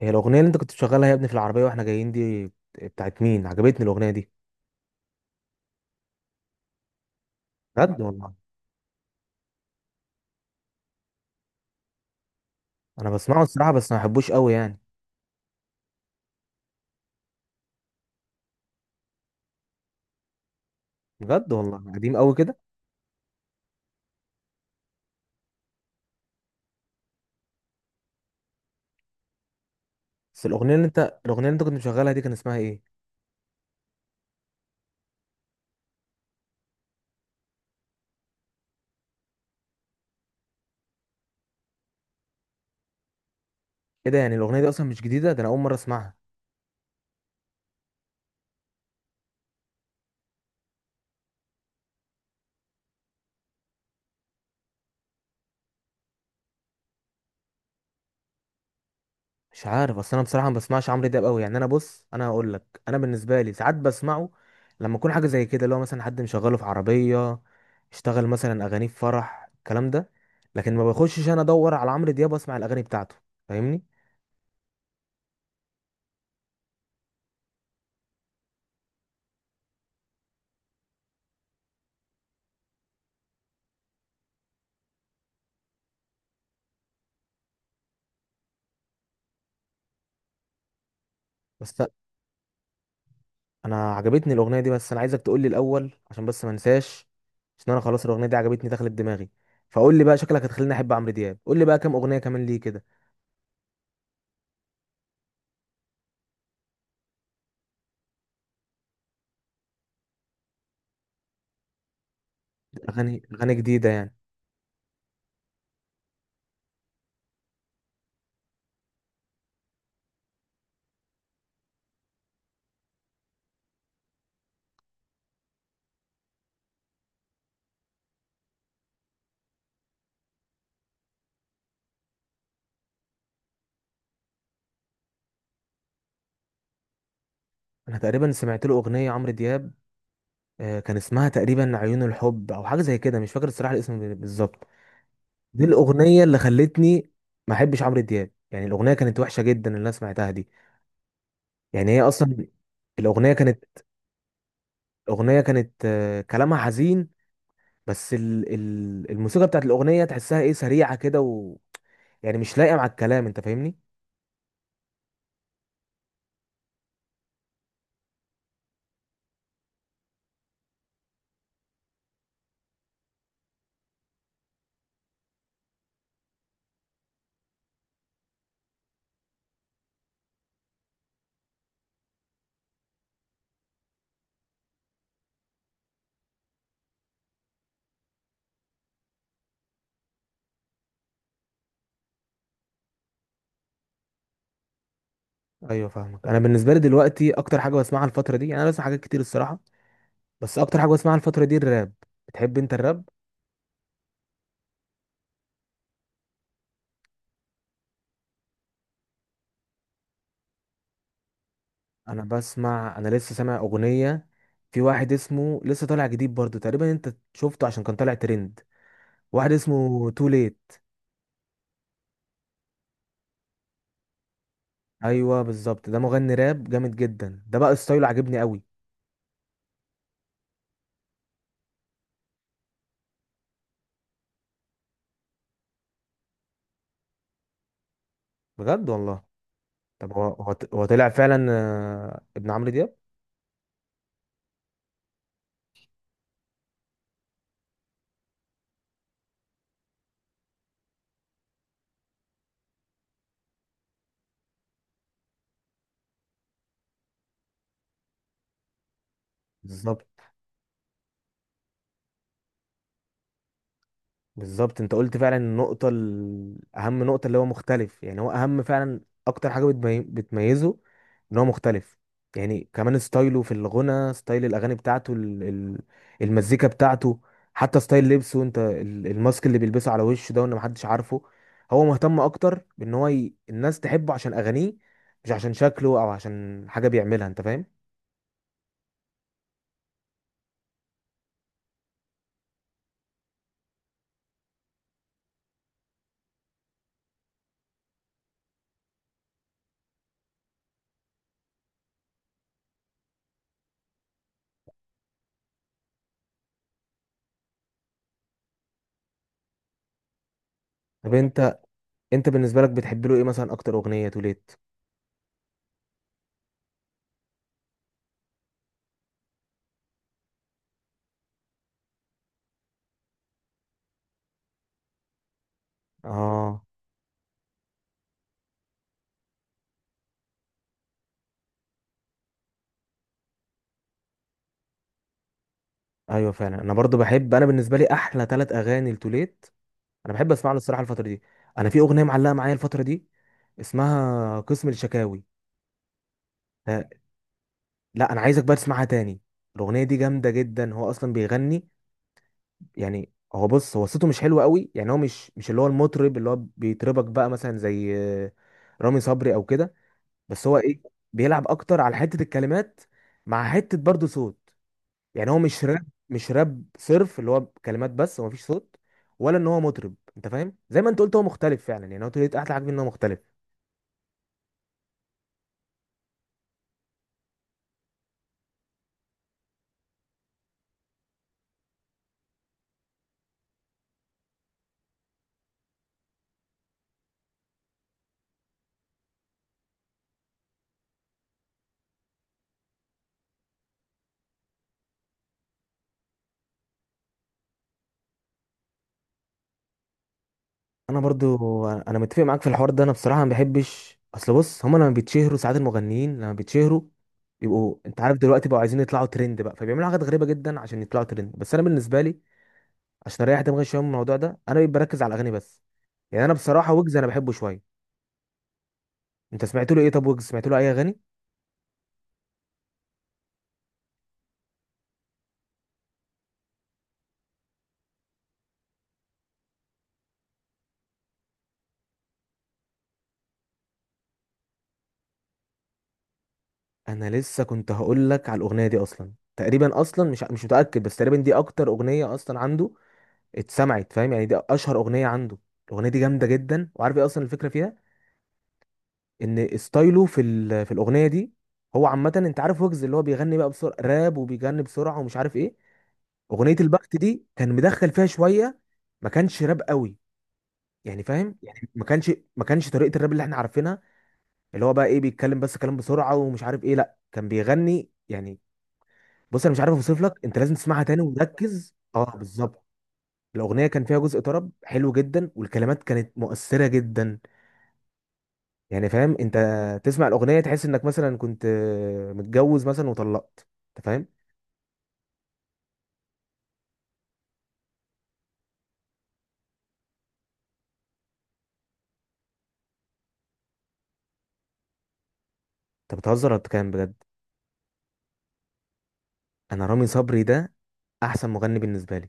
هي الاغنيه اللي انت كنت شغالها يا ابني في العربيه واحنا جايين دي بتاعت مين؟ عجبتني الاغنيه دي. بجد والله. انا بسمعه الصراحه بس ما بحبوش قوي يعني. بجد والله قديم قوي كده. بس الاغنيه اللي انت الاغنيه اللي انت كنت مشغلها دي كان اسمها ايه؟ ايه ده؟ يعني الاغنيه دي اصلا مش جديده؟ ده انا اول مره اسمعها. مش عارف اصل انا بصراحه ما بسمعش عمرو دياب قوي يعني، انا بص انا هقول لك، انا بالنسبه لي ساعات بسمعه لما اكون حاجه زي كده اللي هو مثلا حد مشغله في عربيه، اشتغل مثلا اغانيه في فرح الكلام ده، لكن ما بخشش انا ادور على عمرو دياب واسمع الاغاني بتاعته. فاهمني؟ بس انا عجبتني الاغنيه دي، بس انا عايزك تقول لي الاول عشان بس ما انساش، عشان انا خلاص الاغنيه دي عجبتني دخلت دماغي. فقول لي بقى، شكلك هتخليني احب عمرو دياب، قول لي بقى كام اغنيه كمان ليه كده. اغاني اغاني جديده يعني؟ انا تقريبا سمعت له اغنيه عمرو دياب، كان اسمها تقريبا عيون الحب او حاجه زي كده، مش فاكر الصراحه الاسم بالظبط. دي الاغنيه اللي خلتني ما احبش عمرو دياب، يعني الاغنيه كانت وحشه جدا اللي انا سمعتها دي. يعني هي اصلا الاغنيه كانت الاغنيه كانت كلامها حزين، بس الموسيقى بتاعت الاغنيه تحسها ايه، سريعه كده يعني مش لايقه مع الكلام. انت فاهمني؟ ايوه فاهمك. انا بالنسبه لي دلوقتي اكتر حاجه بسمعها الفتره دي، يعني انا بسمع حاجات كتير الصراحه، بس اكتر حاجه بسمعها الفتره دي الراب. بتحب انت الراب؟ انا بسمع، انا لسه سامع اغنيه في واحد اسمه لسه طالع جديد برضو تقريبا، انت شفته عشان كان طالع ترند، واحد اسمه تو ليت. ايوه بالظبط، ده مغني راب جامد جدا ده، بقى ستايله عجبني قوي. بجد والله؟ طب هو طلع فعلا ابن عمرو دياب؟ بالظبط. بالظبط، انت قلت فعلا النقطة اهم نقطة، اللي هو مختلف، يعني هو اهم فعلا. اكتر حاجة بتميزه ان هو مختلف. يعني كمان ستايله في الغنى، ستايل الاغاني بتاعته، المزيكا بتاعته، حتى ستايل لبسه، انت الماسك اللي بيلبسه على وشه ده، وان محدش عارفه. هو مهتم اكتر بان هو الناس تحبه عشان اغانيه، مش عشان شكله او عشان حاجة بيعملها. انت فاهم؟ طب انت، انت بالنسبة لك بتحب له ايه مثلا اكتر اغنية توليت؟ اه ايوه فعلا. انا برضو بحب، انا بالنسبه لي احلى ثلاث اغاني لتوليت، انا بحب اسمع له الصراحه الفتره دي. انا في اغنيه معلقه معايا الفتره دي اسمها قسم الشكاوي. ف- لا انا عايزك بقى تسمعها تاني، الاغنيه دي جامده جدا. هو اصلا بيغني، يعني هو بص، هو صوته مش حلو قوي يعني، هو مش اللي هو المطرب اللي هو بيطربك بقى مثلا زي رامي صبري او كده، بس هو ايه بيلعب اكتر على حته الكلمات مع حته برضو صوت. يعني هو مش راب، مش راب صرف اللي هو كلمات بس ومفيش صوت، ولا ان هو مطرب. انت فاهم؟ زي ما انت قلت، هو مختلف فعلا، يعني هو طريقة، احلى حاجه ان هو مختلف. انا برضو انا متفق معاك في الحوار ده. انا بصراحه ما بحبش، اصل بص، هما لما بيتشهروا ساعات، المغنيين لما بيتشهروا بيبقوا، انت عارف دلوقتي، بقوا عايزين يطلعوا ترند بقى، فبيعملوا حاجات غريبه جدا عشان يطلعوا ترند، بس انا بالنسبه لي عشان اريح دماغي شويه من الموضوع ده انا بركز على الاغاني بس. يعني انا بصراحه ويجز انا بحبه شويه. انت سمعت له ايه؟ طب ويجز سمعت له اي اغاني؟ انا لسه كنت هقول لك على الاغنيه دي اصلا تقريبا، اصلا مش متاكد بس تقريبا دي اكتر اغنيه اصلا عنده اتسمعت. فاهم؟ يعني دي اشهر اغنيه عنده. الاغنيه دي جامده جدا، وعارف ايه اصلا الفكره فيها؟ ان ستايله في في الاغنيه دي، هو عامه انت عارف ويجز اللي هو بيغني بقى بسرعه راب وبيغني بسرعه ومش عارف ايه، اغنيه البخت دي كان مدخل فيها شويه، ما كانش راب قوي، يعني فاهم يعني ما كانش طريقه الراب اللي احنا عارفينها اللي هو بقى ايه بيتكلم بس كلام بسرعه ومش عارف ايه، لا كان بيغني يعني. بص انا مش عارف اوصف لك، انت لازم تسمعها تاني وركز، اه بالظبط. الاغنيه كان فيها جزء طرب حلو جدا والكلمات كانت مؤثره جدا، يعني فاهم انت، تسمع الاغنيه تحس انك مثلا كنت متجوز مثلا وطلقت. انت فاهم؟ انت بتهزر ولا بتتكلم بجد؟ انا رامي صبري ده احسن مغني بالنسبه لي.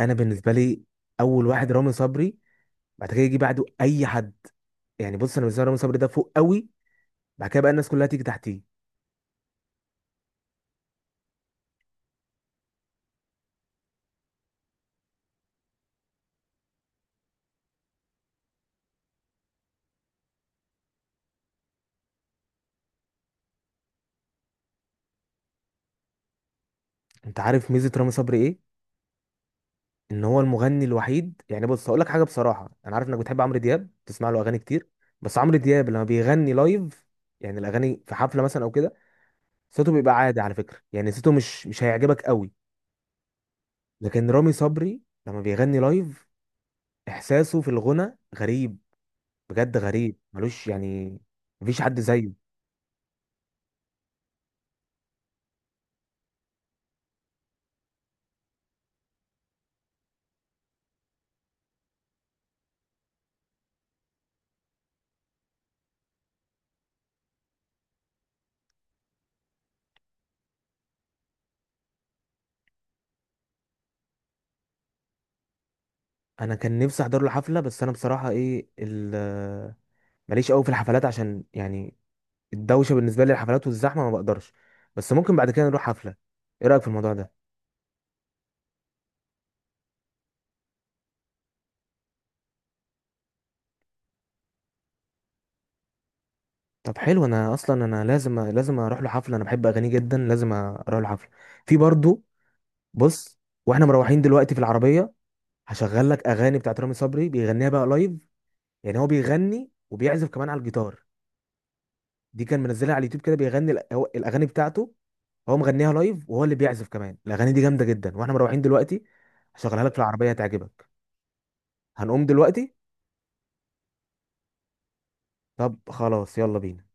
انا بالنسبه لي اول واحد رامي صبري، بعد كده يجي بعده اي حد، يعني بص انا بالنسبه لي رامي صبري ده فوق قوي، بعد كده بقى الناس كلها تيجي تحتيه. انت عارف ميزه رامي صبري ايه؟ ان هو المغني الوحيد، يعني بص هقول لك حاجه بصراحه، انا عارف انك بتحب عمرو دياب بتسمع له اغاني كتير، بس عمرو دياب لما بيغني لايف، يعني الاغاني في حفله مثلا او كده، صوته بيبقى عادي على فكره، يعني صوته مش هيعجبك قوي. لكن رامي صبري لما بيغني لايف، احساسه في الغنى غريب، بجد غريب ملوش يعني، مفيش حد زيه. انا كان نفسي احضر له حفله بس انا بصراحه ايه ماليش قوي في الحفلات، عشان يعني الدوشه بالنسبه لي، الحفلات والزحمه ما بقدرش، بس ممكن بعد كده نروح حفله. ايه رايك في الموضوع ده؟ طب حلو، انا اصلا انا لازم اروح له حفله، انا بحب اغانيه جدا، لازم اروح له حفله. في برضو، بص، واحنا مروحين دلوقتي في العربيه هشغل لك اغاني بتاعت رامي صبري بيغنيها بقى لايف، يعني هو بيغني وبيعزف كمان على الجيتار. دي كان منزلها على اليوتيوب كده، بيغني الاغاني بتاعته، هو مغنيها لايف وهو اللي بيعزف كمان. الاغاني دي جامده جدا، واحنا مروحين دلوقتي هشغلها لك في العربيه، هتعجبك. هنقوم دلوقتي؟ طب خلاص يلا بينا.